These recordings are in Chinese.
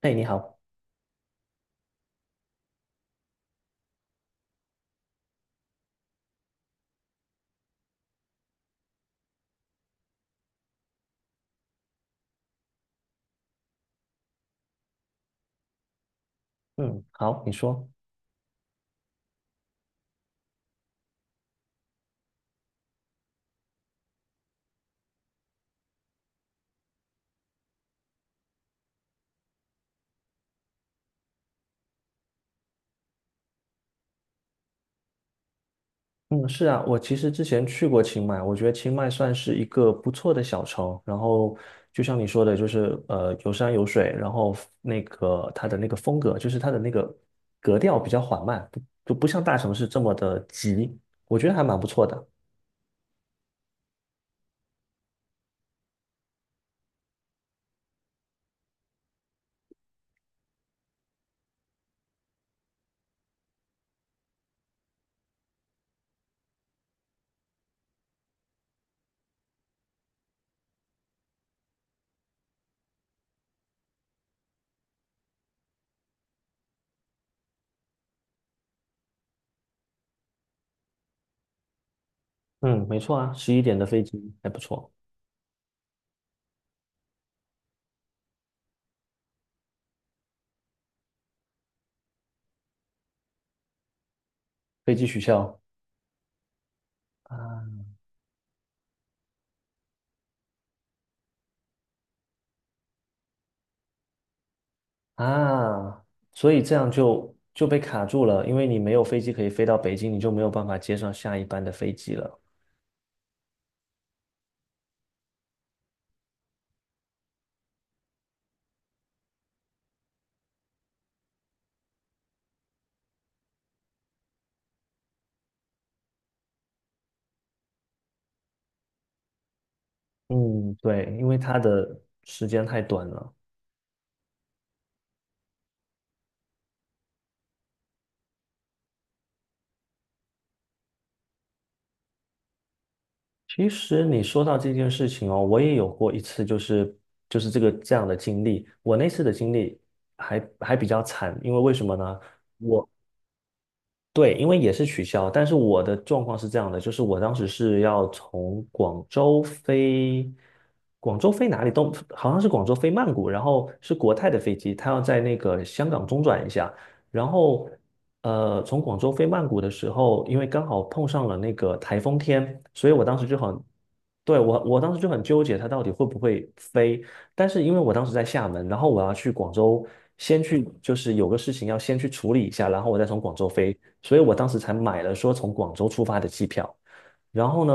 哎，你好。嗯，好，你说。嗯，是啊，我其实之前去过清迈，我觉得清迈算是一个不错的小城，然后就像你说的，就是有山有水，然后那个它的那个风格，就是它的那个格调比较缓慢，不就不像大城市这么的急，我觉得还蛮不错的。嗯，没错啊，11点的飞机还不错。飞机取消。啊啊，所以这样就被卡住了，因为你没有飞机可以飞到北京，你就没有办法接上下一班的飞机了。嗯，对，因为它的时间太短了。其实你说到这件事情哦，我也有过一次，就是这样的经历。我那次的经历还比较惨，为什么呢？对，因为也是取消，但是我的状况是这样的，就是我当时是要从广州飞，广州飞哪里都好像是广州飞曼谷，然后是国泰的飞机，它要在那个香港中转一下。然后从广州飞曼谷的时候，因为刚好碰上了那个台风天，所以我当时就很，对，我当时就很纠结它到底会不会飞。但是因为我当时在厦门，然后我要去广州，先去就是有个事情要先去处理一下，然后我再从广州飞，所以我当时才买了说从广州出发的机票。然后呢，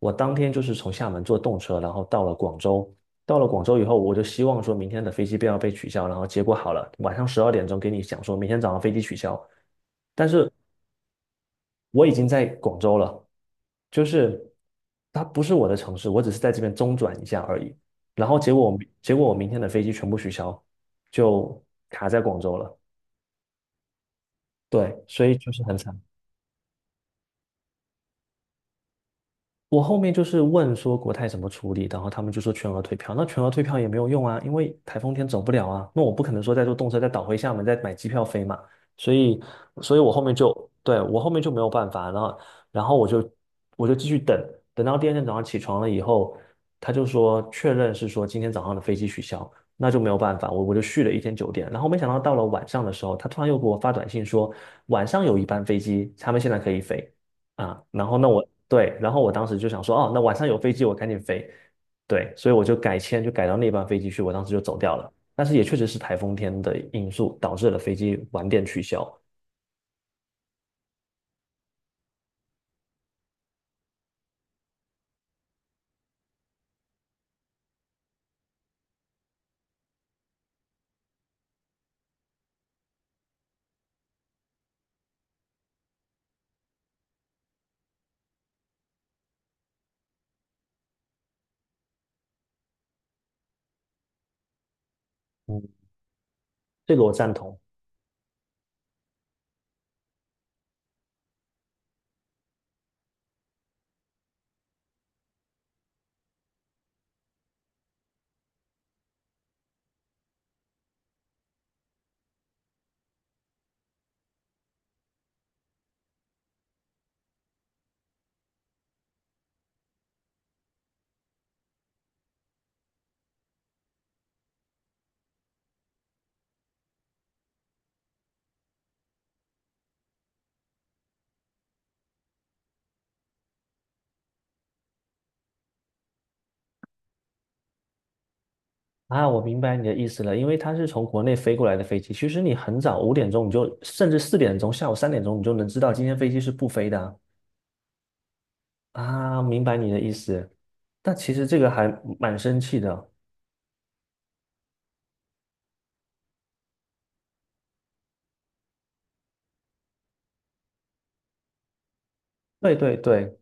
我当天就是从厦门坐动车，然后到了广州。到了广州以后，我就希望说明天的飞机不要被取消，然后结果好了，晚上12点钟给你讲说明天早上飞机取消。但是我已经在广州了，就是它不是我的城市，我只是在这边中转一下而已。然后结果我明天的飞机全部取消，就卡在广州了。对，所以就是很惨。我后面就是问说国泰怎么处理，然后他们就说全额退票。那全额退票也没有用啊，因为台风天走不了啊。那我不可能说再坐动车再倒回厦门再买机票飞嘛。所以，所以我后面就没有办法，然后我就继续等，等到第二天早上起床了以后，他就说确认是说今天早上的飞机取消，那就没有办法，我就续了一天酒店。然后没想到到了晚上的时候，他突然又给我发短信说晚上有一班飞机，他们现在可以飞。啊，然后那我对，然后我当时就想说，哦，那晚上有飞机，我赶紧飞。对，所以我就改签，就改到那班飞机去，我当时就走掉了。但是也确实是台风天的因素导致了飞机晚点取消。嗯，这个我赞同啊，我明白你的意思了，因为它是从国内飞过来的飞机，其实你很早5点钟你就，甚至4点钟，下午3点钟你就能知道今天飞机是不飞的啊。啊，明白你的意思，但其实这个还蛮生气的。对对对。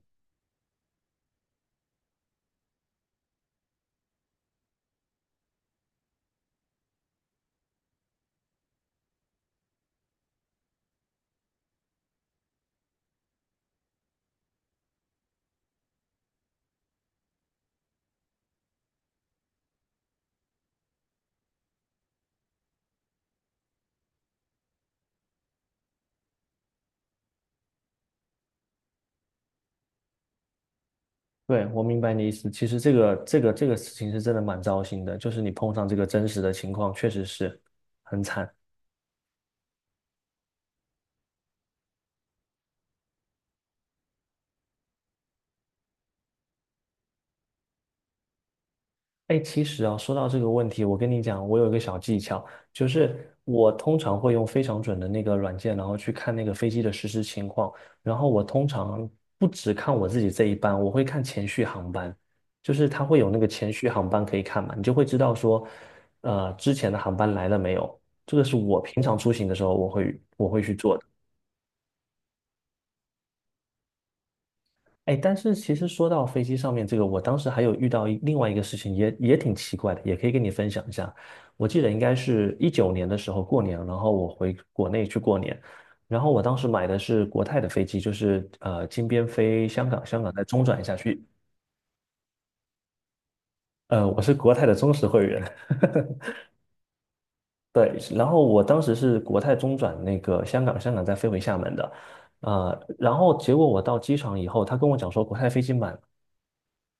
对，我明白你的意思。其实这个事情是真的蛮糟心的，就是你碰上这个真实的情况，确实是很惨。哎，其实啊，说到这个问题，我跟你讲，我有一个小技巧，就是我通常会用非常准的那个软件，然后去看那个飞机的实时情况。然后我通常不只看我自己这一班，我会看前续航班，就是它会有那个前续航班可以看嘛，你就会知道说，之前的航班来了没有。这个是我平常出行的时候我会去做的。哎，但是其实说到飞机上面这个，我当时还有遇到另外一个事情也挺奇怪的，也可以跟你分享一下。我记得应该是19年的时候过年，然后我回国内去过年，然后我当时买的是国泰的飞机，就是金边飞香港，香港再中转一下去。我是国泰的忠实会员。对。然后我当时是国泰中转那个香港，香港再飞回厦门的。然后结果我到机场以后，他跟我讲说国泰飞机满，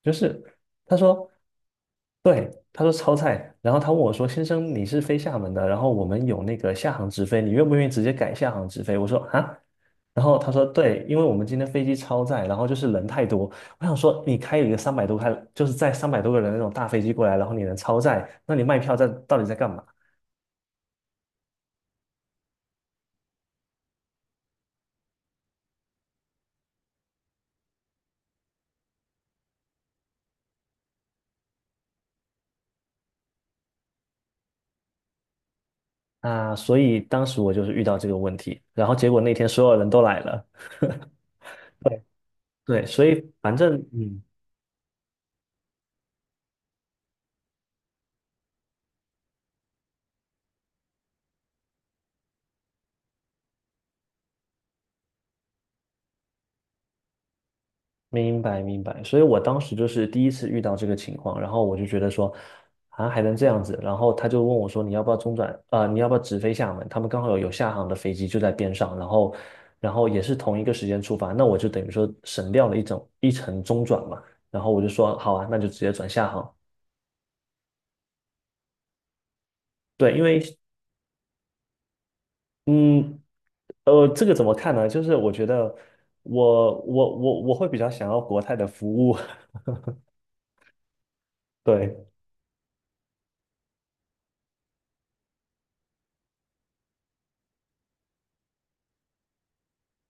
就是他说，对，他说超载。然后他问我说，先生你是飞厦门的，然后我们有那个厦航直飞，你愿不愿意直接改厦航直飞？我说啊，然后他说对，因为我们今天飞机超载，然后就是人太多，我想说你开一个三百多，就是载三百多个人的那种大飞机过来，然后你能超载，那你卖票到底在干嘛？啊，所以当时我就是遇到这个问题，然后结果那天所有人都来了。对，所以反正嗯。明白明白，所以我当时就是第一次遇到这个情况，然后我就觉得说，啊还能这样子，然后他就问我说你要不要中转，啊？你要不要直飞厦门？他们刚好有厦航的飞机就在边上，然后也是同一个时间出发，那我就等于说省掉了一程中转嘛，然后我就说好啊，那就直接转厦航。对，因为嗯这个怎么看呢？就是我觉得我会比较想要国泰的服务。对。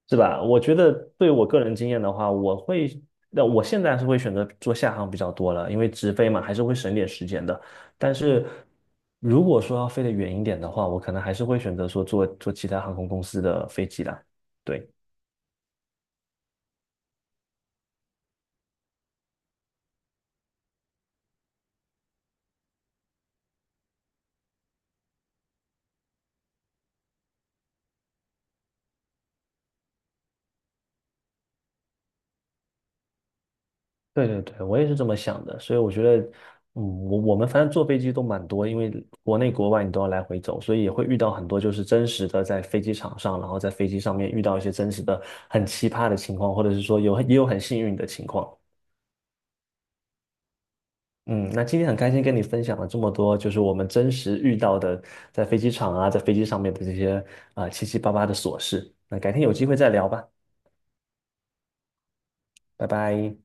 是吧？我觉得对我个人经验的话，那我现在是会选择做下航比较多了，因为直飞嘛，还是会省点时间的。但是如果说要飞得远一点的话，我可能还是会选择说坐其他航空公司的飞机啦。对。对对对，我也是这么想的。所以我觉得，嗯，我们反正坐飞机都蛮多，因为国内国外你都要来回走，所以也会遇到很多就是真实的在飞机场上，然后在飞机上面遇到一些真实的很奇葩的情况，或者是说也有很幸运的情况。嗯，那今天很开心跟你分享了这么多，就是我们真实遇到的在飞机场啊，在飞机上面的这些啊、七七八八的琐事。那改天有机会再聊吧，拜拜。